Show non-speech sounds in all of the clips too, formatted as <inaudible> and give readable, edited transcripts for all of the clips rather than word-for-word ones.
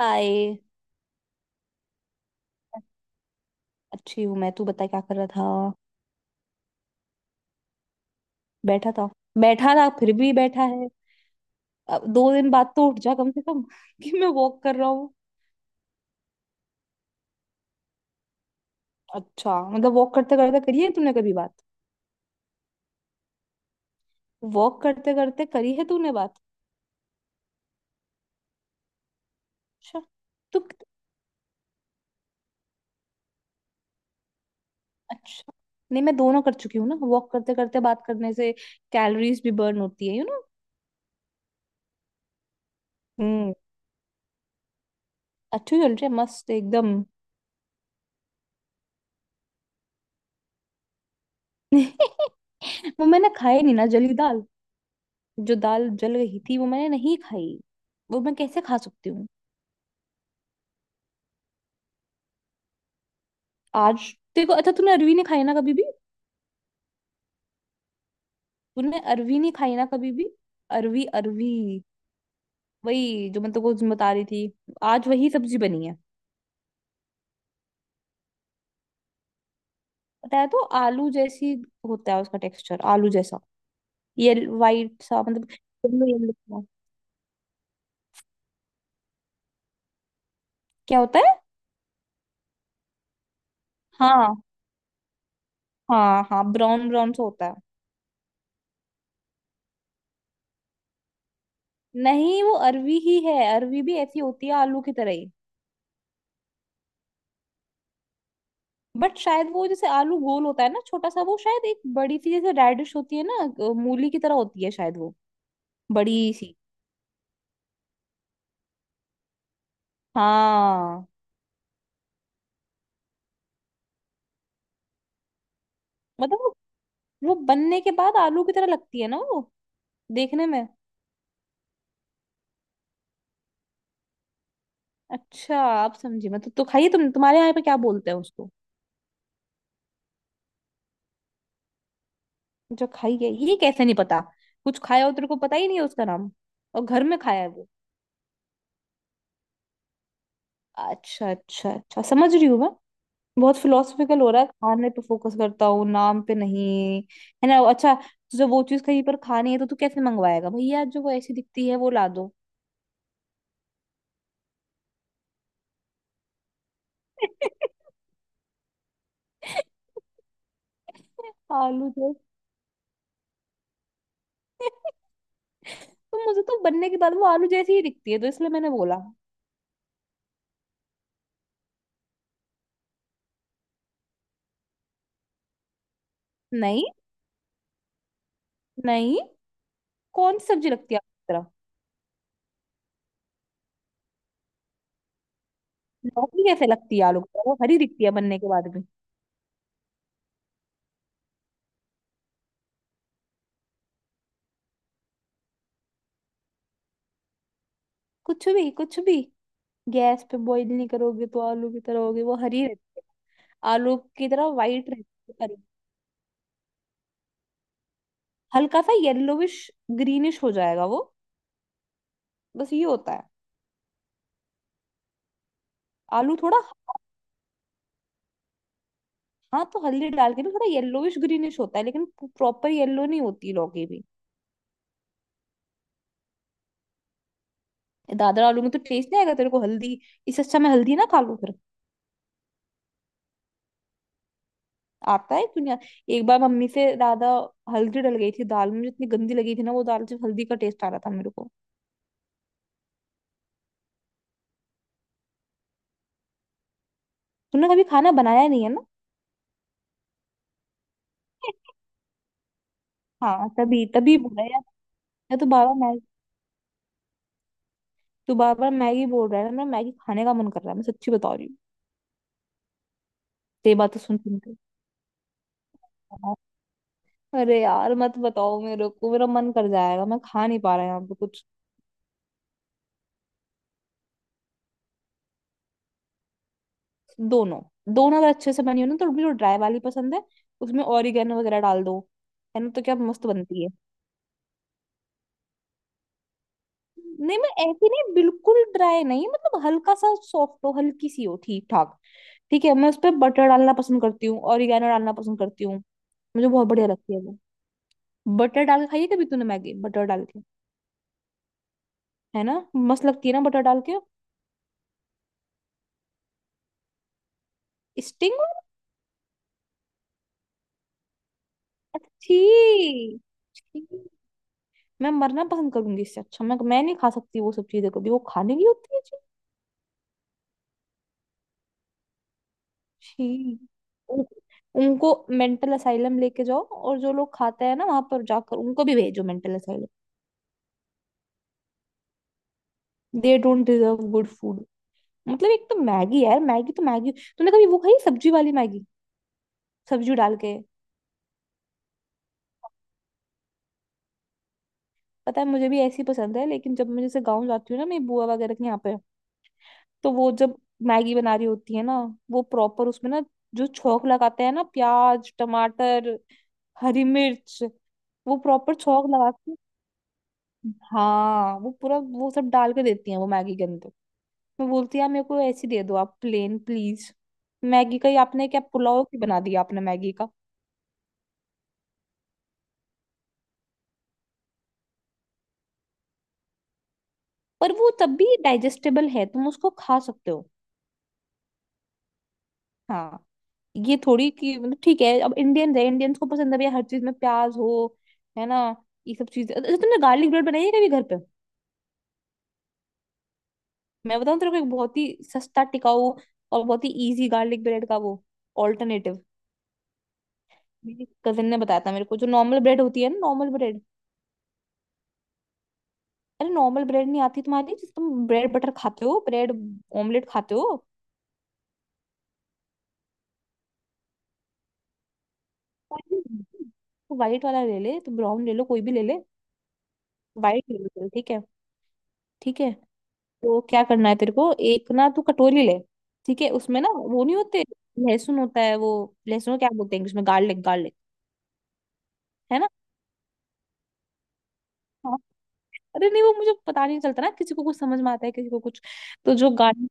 हाय। अच्छी हूँ मैं। तू बता क्या कर रहा था। बैठा था। बैठा था फिर भी बैठा है। अब दो दिन बाद तो उठ जा कम से कम <laughs> कि मैं वॉक कर रहा हूँ। अच्छा मतलब वॉक करते करते करी है तूने कभी बात? वॉक करते करते करी है तूने बात? अच्छा। तू। अच्छा नहीं, मैं दोनों कर चुकी हूँ ना, वॉक करते करते बात करने से कैलोरीज भी बर्न होती है यू नो। हम्म। अच्छी चल रही है, मस्त एकदम। <laughs> वो मैंने खाई नहीं ना जली दाल। जो दाल जल रही थी वो मैंने नहीं खाई। वो मैं कैसे खा सकती हूँ। आज तेरे को, अच्छा तूने अरवी नहीं खाई ना कभी भी? तूने अरवी नहीं खाई ना कभी भी? अरवी अरवी। वही जो मैं तेरे को बता रही थी। आज वही सब्जी बनी है। पता है तो आलू जैसी होता है उसका टेक्सचर, आलू जैसा। ये वाइट सा मतलब येलो येलो सा। क्या होता है? हाँ। हाँ हाँ, ब्राउन ब्राउन सा होता है। नहीं वो अरवी ही है, अरवी भी ऐसी होती है आलू की तरह ही। बट शायद वो जैसे आलू गोल होता है ना छोटा सा, वो शायद एक बड़ी सी जैसे रेडिश होती है ना। मूली की तरह होती है शायद वो। बड़ी सी। हाँ। मतलब वो बनने के बाद आलू की तरह लगती है ना वो, देखने में। अच्छा आप समझी मतलब। तो खाइए। तुम्हारे यहाँ पे क्या बोलते हैं उसको? जो खाई है ये कैसे नहीं पता? कुछ खाया हो तेरे को पता ही नहीं है उसका नाम। और घर में खाया है वो। अच्छा अच्छा अच्छा, समझ रही हूँ मैं। बहुत फिलोसफिकल हो रहा है, खाने पे फोकस करता हूँ नाम पे नहीं। है ना। अच्छा, तुझे वो चीज कहीं पर खानी है तो तू कैसे मंगवाएगा? भैया जो वो ऐसी दिखती है वो ला दो। <laughs> आलू जैसी। तो मुझे तो बनने के बाद वो आलू जैसी ही दिखती है, तो इसलिए मैंने बोला। नहीं। नहीं। कौन सी सब्जी लगती है आलू की तरह? लौकी कैसे लगती है आलू की तरह, वो हरी दिखती है बनने के बाद भी। कुछ भी कुछ भी। गैस पे बॉईल नहीं करोगे तो आलू की तरह होगी? वो हरी रहती है आलू की तरह वाइट रहती है। हल्का सा येलोविश ग्रीनिश हो जाएगा वो। बस ये होता है। आलू थोड़ा। हाँ तो हल्दी डाल के भी थोड़ा येलोविश ग्रीनिश होता है, लेकिन प्रॉपर येलो नहीं होती लौकी भी। दादर आलू में तो टेस्ट नहीं आएगा तेरे को हल्दी। इससे अच्छा मैं हल्दी ना खा लूं फिर। आता है, क्यों नहीं आता? एक बार मम्मी से दादा हल्दी डल गई थी दाल में, जितनी गंदी लगी थी ना, वो दाल से हल्दी का टेस्ट आ रहा था मेरे को। तूने कभी खाना बनाया नहीं है ना। हाँ तभी तभी बोल रहा है यार। मैं तो बार बार मैगी। तू बार बार मैगी बोल रहा है ना, मेरा मैगी खाने का मन कर रहा है, मैं सच्ची बता रही हूँ। तेरी बात तो सुन सुन के अरे यार मत बताओ मेरे को, मेरा मन कर जाएगा, मैं खा नहीं पा रहा यहाँ पे कुछ। दोनों। दोनों अगर अच्छे से बनी हो ना, तो मुझे जो ड्राई वाली पसंद है उसमें ऑरिगेनो वगैरह डाल दो। है ना तो क्या मस्त बनती है। नहीं मैं ऐसी नहीं, बिल्कुल ड्राई नहीं मतलब, हल्का सा सॉफ्ट हो, हल्की सी हो, ठीक ठाक ठीक है। मैं उस पर बटर डालना पसंद करती हूँ, ऑरिगेनो डालना पसंद करती हूँ। मुझे बहुत बढ़िया लगती है वो। बटर डाल के खाइए कभी। तूने मैगी बटर डाल के? है ना, मस्त लगती है ना बटर डाल के। स्टिंग। अच्छी। मैं मरना पसंद करूंगी इससे अच्छा। मैं नहीं खा सकती वो सब चीजें। कभी वो खाने की होती है जी। छी। उन, उनको मेंटल असाइलम लेके जाओ, और जो लोग खाते हैं ना वहां पर जाकर उनको भी भेजो mental asylum. They don't deserve good food. मतलब एक तो मैगी यार, मैगी तो मैगी। तूने कभी वो खाई सब्जी वाली मैगी, सब्जी डाल के? पता है मुझे भी ऐसी पसंद है, लेकिन जब मैं जैसे गाँव जाती हूँ ना, मेरी बुआ वगैरह के यहाँ पे, तो वो जब मैगी बना रही होती है ना, वो प्रॉपर उसमें ना जो छौंक लगाते हैं ना, प्याज टमाटर हरी मिर्च, वो प्रॉपर छौंक लगा के। हाँ वो पूरा वो सब डाल के देती हैं वो मैगी के अंदर। मैं बोलती यार मेरे को ऐसी दे दो आप प्लेन प्लीज। मैगी का ही आपने क्या पुलाव की बना दिया आपने मैगी का। पर वो तब भी डाइजेस्टेबल है, तुम उसको खा सकते हो। हाँ। ये थोड़ी कि मतलब, ठीक है अब इंडियन है, इंडियंस को पसंद है भैया हर चीज में प्याज हो। है ना। ये सब चीजें। अच्छा तुमने गार्लिक ब्रेड बनाई है कभी घर पे? मैं बताऊं तेरे को एक बहुत ही सस्ता, टिकाऊ और बहुत ही इजी गार्लिक ब्रेड का वो ऑल्टरनेटिव। मेरी कजिन ने बताया था मेरे को। जो नॉर्मल ब्रेड होती है ना, नॉर्मल ब्रेड। अरे नॉर्मल ब्रेड नहीं आती तुम्हारी, जिस तुम ब्रेड बटर खाते हो, ब्रेड ऑमलेट खाते हो। तो वाइट वाला ले ले, तो ब्राउन ले लो, कोई भी ले ले। वाइट ले लो चल, ठीक है। ठीक है। तो क्या करना है तेरे को, एक ना तू कटोरी ले। ठीक है, उसमें ना वो नहीं होते, लहसुन होता है वो। लहसुन को क्या बोलते हैं इंग्लिश में? Garlic, garlic. है ना। हाँ। अरे नहीं वो मुझे पता नहीं चलता ना, किसी को कुछ समझ में आता है किसी को कुछ। तो जो गार्लिक।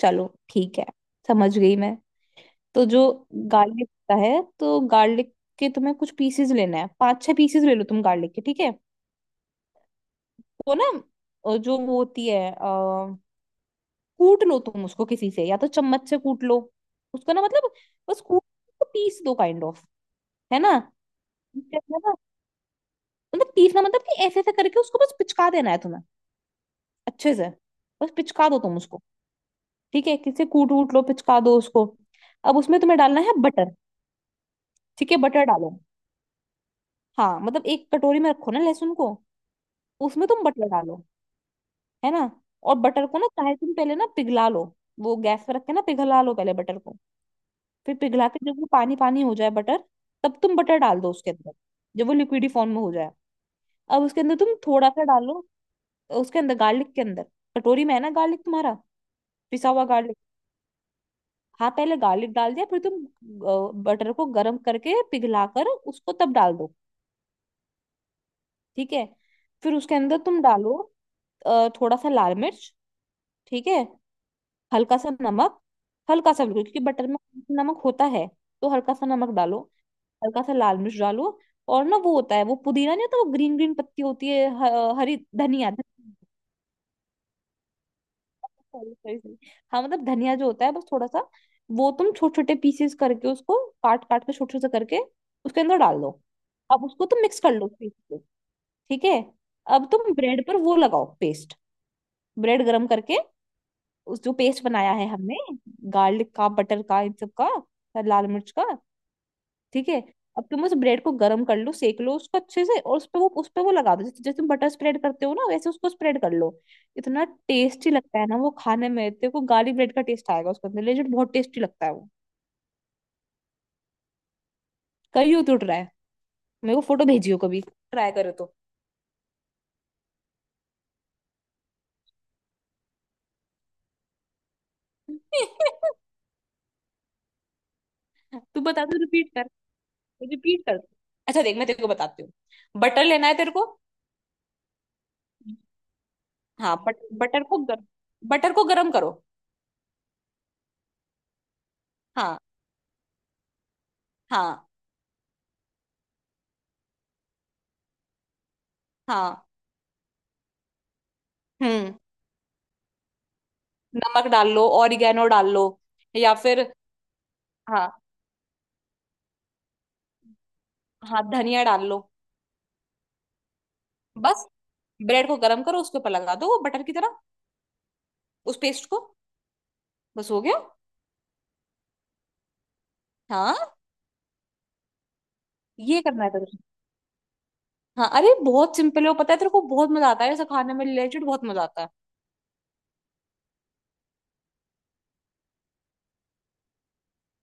चलो ठीक है, समझ गई मैं। तो जो गार्लिक होता है, तो गार्लिक के तुम्हें कुछ पीसेस लेना है, पाँच छह पीसेस ले लो तुम गार्लिक के, ठीक है। वो ना, जो वो होती है कूट लो तुम उसको किसी से, या तो चम्मच से कूट लो उसको ना, मतलब बस कूट उसको, पीस दो काइंड ऑफ। है ना। इससे अच्छा ना, मतलब पीसना मतलब कि ऐसे ऐसे करके उसको बस पिचका देना है तुम्हें, अच्छे से। बस पिचका दो तुम उसको। ठीक है, किसी से कूट वूट लो, पिचका दो उसको। अब उसमें तुम्हें डालना है बटर। ठीक है, बटर डालो। हाँ मतलब एक कटोरी में रखो ना लहसुन को, उसमें तुम बटर डालो। है ना। और बटर को ना, चाहे तुम पहले ना पिघला लो, वो गैस पर रख के ना पिघला लो पहले बटर को। फिर पिघला के जब वो पानी पानी हो जाए बटर, तब तुम बटर डाल दो उसके अंदर। जब वो लिक्विडी फॉर्म में हो जाए, अब उसके अंदर तुम थोड़ा सा डालो। उसके अंदर, गार्लिक के अंदर, कटोरी में है ना गार्लिक तुम्हारा, पिसा हुआ गार्लिक। हाँ पहले गार्लिक डाल दिया, फिर तुम बटर को गर्म करके पिघला कर उसको तब डाल दो। ठीक है। फिर उसके अंदर तुम डालो थोड़ा सा लाल मिर्च। ठीक है। हल्का सा नमक, हल्का सा बिल्कुल, क्योंकि बटर में नमक होता है, तो हल्का सा नमक डालो। हल्का सा लाल मिर्च डालो। और ना वो होता है वो, पुदीना नहीं होता वो, ग्रीन ग्रीन पत्ती होती है, हरी धनिया। Sorry, sorry, sorry. हाँ मतलब धनिया जो होता है, बस थोड़ा सा वो तुम छोटे छोटे पीसेस करके उसको, काट काट के छोटे छोटे करके उसके अंदर डाल दो। अब उसको तुम मिक्स कर लो पीस को। ठीक है। अब तुम ब्रेड पर वो लगाओ पेस्ट, ब्रेड गरम करके। उस जो पेस्ट बनाया है हमने, गार्लिक का, बटर का, इन सब का और लाल मिर्च का। ठीक है। अब तुम उस ब्रेड को गर्म कर लो, सेक लो उसको अच्छे से, और उस पे वो, उस पे वो लगा दो, जैसे जैसे तुम बटर स्प्रेड करते हो ना, वैसे उसको स्प्रेड कर लो। इतना टेस्टी लगता है ना वो खाने में, तेरे को गार्लिक ब्रेड का टेस्ट आएगा उसके अंदर, लेजिट बहुत टेस्टी लगता है वो। करियो तो ट्राई, मेरे को फोटो भेजियो कभी ट्राई करो तो। <laughs> तू बता, दो रिपीट कर। रिपीट कर। अच्छा देख मैं तेरे को बताती हूँ। बटर लेना है तेरे को। हाँ बटर को बटर को गरम करो। हाँ। हाँ। हाँ। हम्म। नमक डाल लो, ऑरिगेनो डाल लो, या फिर। हाँ। हाँ धनिया डाल लो। बस ब्रेड को गरम करो, उसके ऊपर लगा दो वो बटर की तरह, उस पेस्ट को। बस हो गया। हाँ ये करना है तुझे। हाँ अरे बहुत सिंपल है वो, पता है तेरे को बहुत मजा आता है ऐसा खाने में रिलेटेड, बहुत मजा आता है।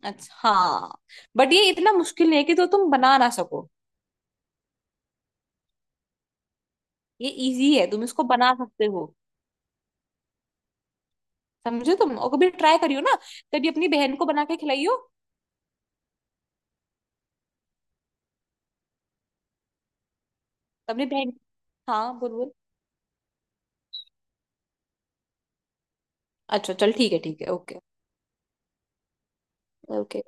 अच्छा हाँ। बट ये इतना मुश्किल नहीं है कि तो तुम बना ना सको, ये इजी है, तुम इसको बना सकते हो। समझो तुम और कभी ट्राई करियो ना, कभी अपनी बहन को बना के खिलाइयो। अपनी बहन। हाँ बोलो। अच्छा चल ठीक है, ठीक है, ओके। ओके।